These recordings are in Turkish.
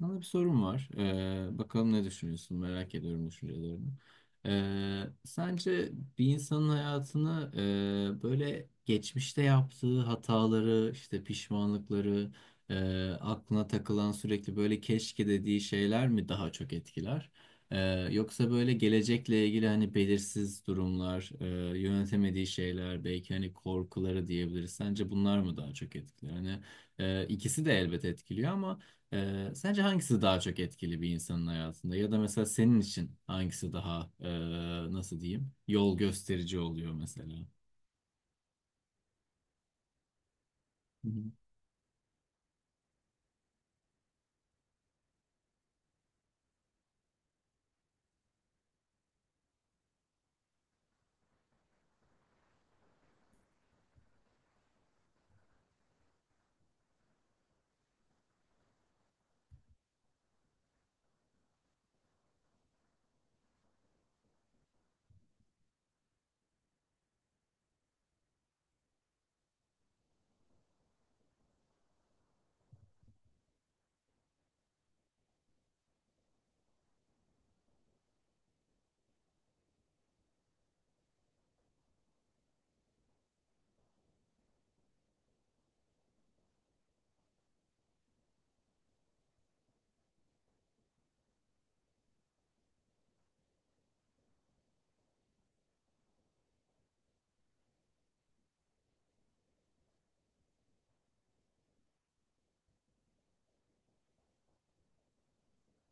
Sana bir sorum var. Bakalım ne düşünüyorsun? Merak ediyorum düşüncelerini. Sence bir insanın hayatını böyle geçmişte yaptığı hataları, işte pişmanlıkları, aklına takılan sürekli böyle keşke dediği şeyler mi daha çok etkiler? Ee, Yoksa böyle gelecekle ilgili hani belirsiz durumlar, yönetemediği şeyler, belki hani korkuları diyebiliriz. Sence bunlar mı daha çok etkiler? Hani ikisi de elbet etkiliyor ama. Sence hangisi daha çok etkili bir insanın hayatında? Ya da mesela senin için hangisi daha nasıl diyeyim yol gösterici oluyor mesela? Hı hı,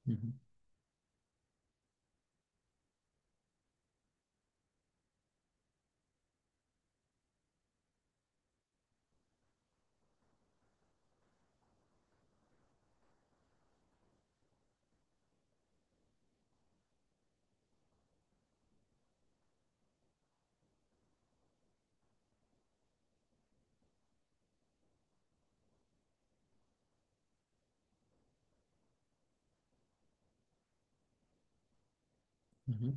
hı hı, hı hı.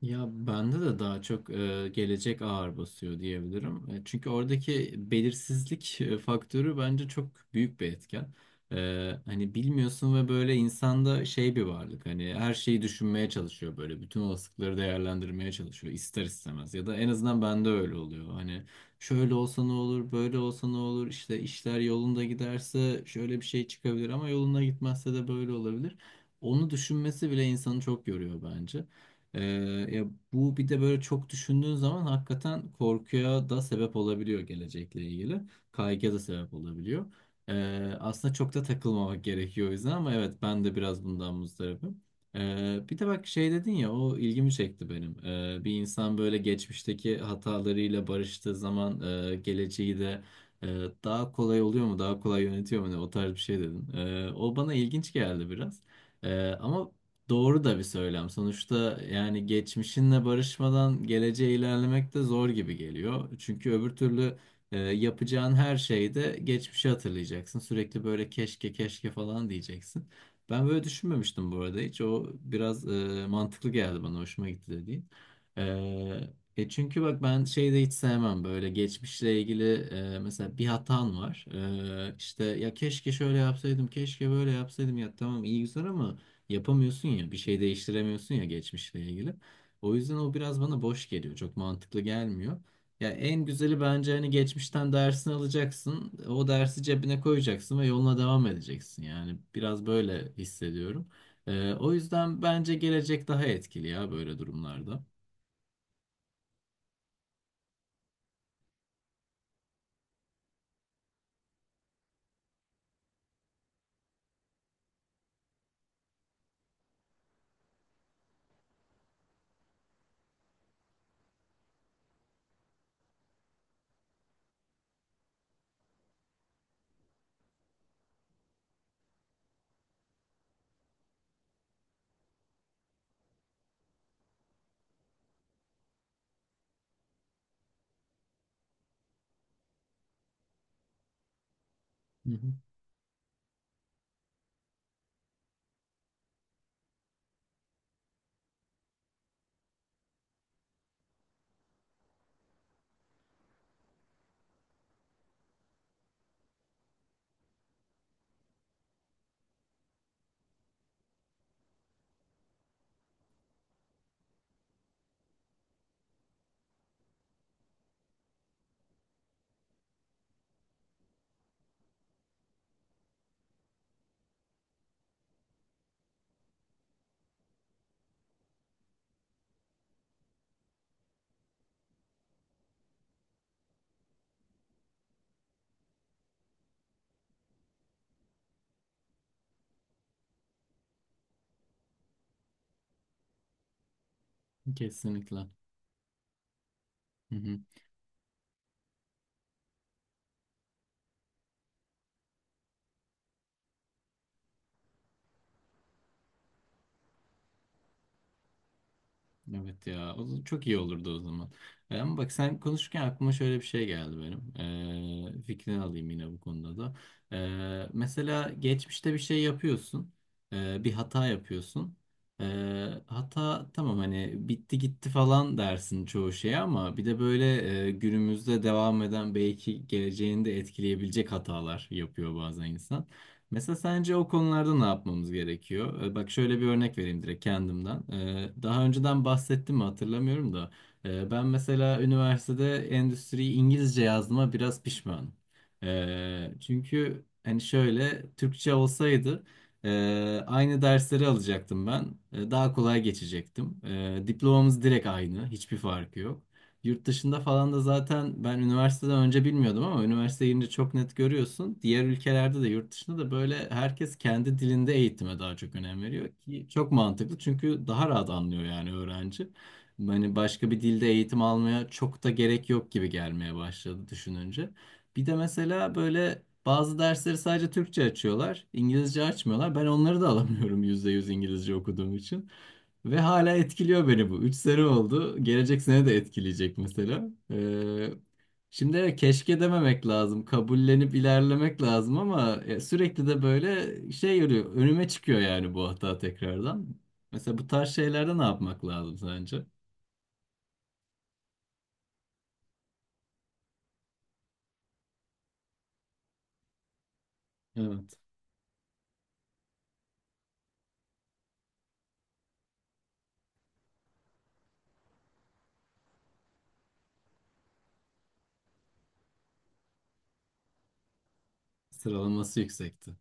Ya bende de daha çok gelecek ağır basıyor diyebilirim. Çünkü oradaki belirsizlik faktörü bence çok büyük bir etken. E, Hani bilmiyorsun ve böyle insanda şey bir varlık hani her şeyi düşünmeye çalışıyor böyle bütün olasılıkları değerlendirmeye çalışıyor ister istemez ya da en azından bende öyle oluyor. Hani şöyle olsa ne olur, böyle olsa ne olur, işte işler yolunda giderse şöyle bir şey çıkabilir ama yolunda gitmezse de böyle olabilir. Onu düşünmesi bile insanı çok yoruyor bence. Ee, Ya bu bir de böyle çok düşündüğün zaman hakikaten korkuya da sebep olabiliyor gelecekle ilgili. Kaygıya da sebep olabiliyor. Aslında çok da takılmamak gerekiyor o yüzden ama evet ben de biraz bundan muzdaribim. Bir de bak şey dedin ya o ilgimi çekti benim. Bir insan böyle geçmişteki hatalarıyla barıştığı zaman geleceği de e, daha kolay oluyor mu, daha kolay yönetiyor mu ne o tarz bir şey dedin. O bana ilginç geldi biraz. Ama doğru da bir söylem. Sonuçta yani geçmişinle barışmadan geleceğe ilerlemek de zor gibi geliyor. Çünkü öbür türlü yapacağın her şeyde geçmişi hatırlayacaksın. Sürekli böyle keşke keşke falan diyeceksin. Ben böyle düşünmemiştim bu arada hiç. O biraz mantıklı geldi bana. Hoşuma gitti dediğin. E, çünkü bak ben şeyi de hiç sevmem böyle geçmişle ilgili mesela bir hatan var. İşte ya keşke şöyle yapsaydım, keşke böyle yapsaydım ya tamam iyi güzel ama yapamıyorsun ya, bir şey değiştiremiyorsun ya geçmişle ilgili. O yüzden o biraz bana boş geliyor, çok mantıklı gelmiyor. Ya en güzeli bence hani geçmişten dersini alacaksın, o dersi cebine koyacaksın ve yoluna devam edeceksin. Yani biraz böyle hissediyorum. O yüzden bence gelecek daha etkili ya böyle durumlarda. Hı hı, kesinlikle. Hı hı. Evet ya o zaman çok iyi olurdu o zaman. E, ama bak sen konuşurken aklıma şöyle bir şey geldi benim. Fikrini alayım yine bu konuda da. Mesela geçmişte bir şey yapıyorsun. Bir hata yapıyorsun. E, Hata tamam hani bitti gitti falan dersin çoğu şeye ama bir de böyle günümüzde devam eden belki geleceğini de etkileyebilecek hatalar yapıyor bazen insan. Mesela sence o konularda ne yapmamız gerekiyor? Bak şöyle bir örnek vereyim direkt kendimden. Daha önceden bahsettim mi hatırlamıyorum da. Ben mesela üniversitede endüstriyi İngilizce yazdığıma biraz pişmanım. Çünkü hani şöyle Türkçe olsaydı aynı dersleri alacaktım ben. Daha kolay geçecektim. Diplomamız direkt aynı. Hiçbir farkı yok. Yurt dışında falan da zaten ben üniversiteden önce bilmiyordum ama üniversiteye girince çok net görüyorsun. Diğer ülkelerde de yurt dışında da böyle herkes kendi dilinde eğitime daha çok önem veriyor ki çok mantıklı çünkü daha rahat anlıyor yani öğrenci. Hani başka bir dilde eğitim almaya çok da gerek yok gibi gelmeye başladı düşününce. Bir de mesela böyle bazı dersleri sadece Türkçe açıyorlar, İngilizce açmıyorlar. Ben onları da alamıyorum %100 İngilizce okuduğum için. Ve hala etkiliyor beni bu. 3 sene oldu. Gelecek sene de etkileyecek mesela. Şimdi evet, keşke dememek lazım. Kabullenip ilerlemek lazım ama sürekli de böyle şey yürüyor. Önüme çıkıyor yani bu hata tekrardan. Mesela bu tarz şeylerde ne yapmak lazım sence? Evet. Sıralaması yüksekti.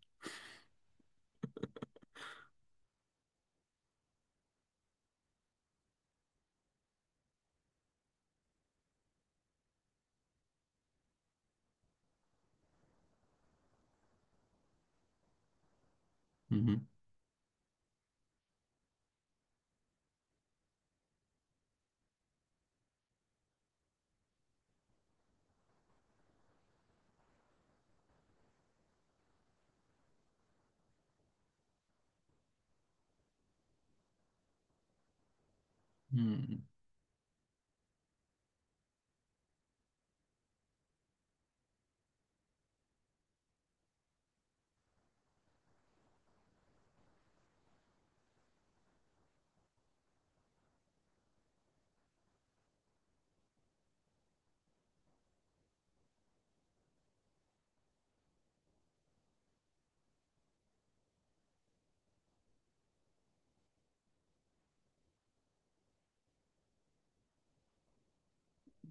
Hı hı. Hı.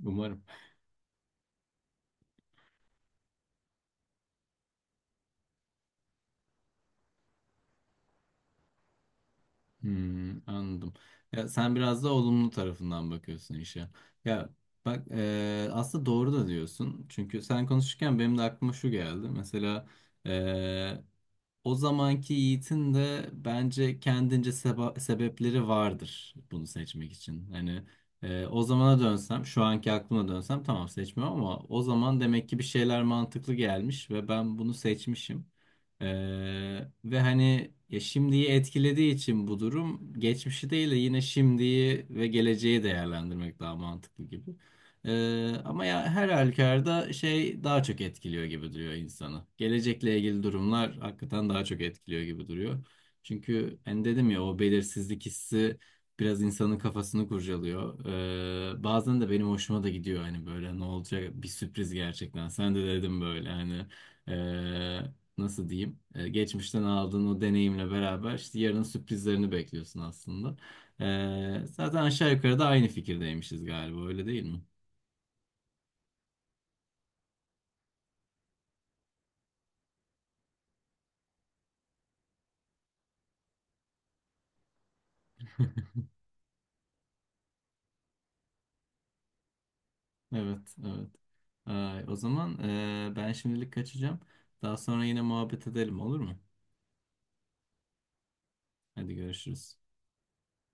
Umarım. Hmm, anladım. Ya sen biraz da olumlu tarafından bakıyorsun işe. Ya bak aslında doğru da diyorsun. Çünkü sen konuşurken benim de aklıma şu geldi. Mesela o zamanki Yiğit'in de bence kendince sebepleri vardır bunu seçmek için. Hani o zamana dönsem, şu anki aklıma dönsem tamam seçmiyorum ama o zaman demek ki bir şeyler mantıklı gelmiş ve ben bunu seçmişim. E, Ve hani ya şimdiyi etkilediği için bu durum geçmişi değil de yine şimdiyi ve geleceği değerlendirmek daha mantıklı gibi. Ama ya her halükarda şey daha çok etkiliyor gibi duruyor insanı. Gelecekle ilgili durumlar hakikaten daha çok etkiliyor gibi duruyor. Çünkü hani dedim ya o belirsizlik hissi biraz insanın kafasını kurcalıyor. Bazen de benim hoşuma da gidiyor hani böyle ne olacak bir sürpriz gerçekten. Sen de dedim böyle hani ee, nasıl diyeyim? Geçmişten aldığın o deneyimle beraber işte yarının sürprizlerini bekliyorsun aslında. Zaten aşağı yukarı da aynı fikirdeymişiz galiba öyle değil mi? Evet, evet. Ay, o zaman ben şimdilik kaçacağım. Daha sonra yine muhabbet edelim olur mu? Hadi görüşürüz.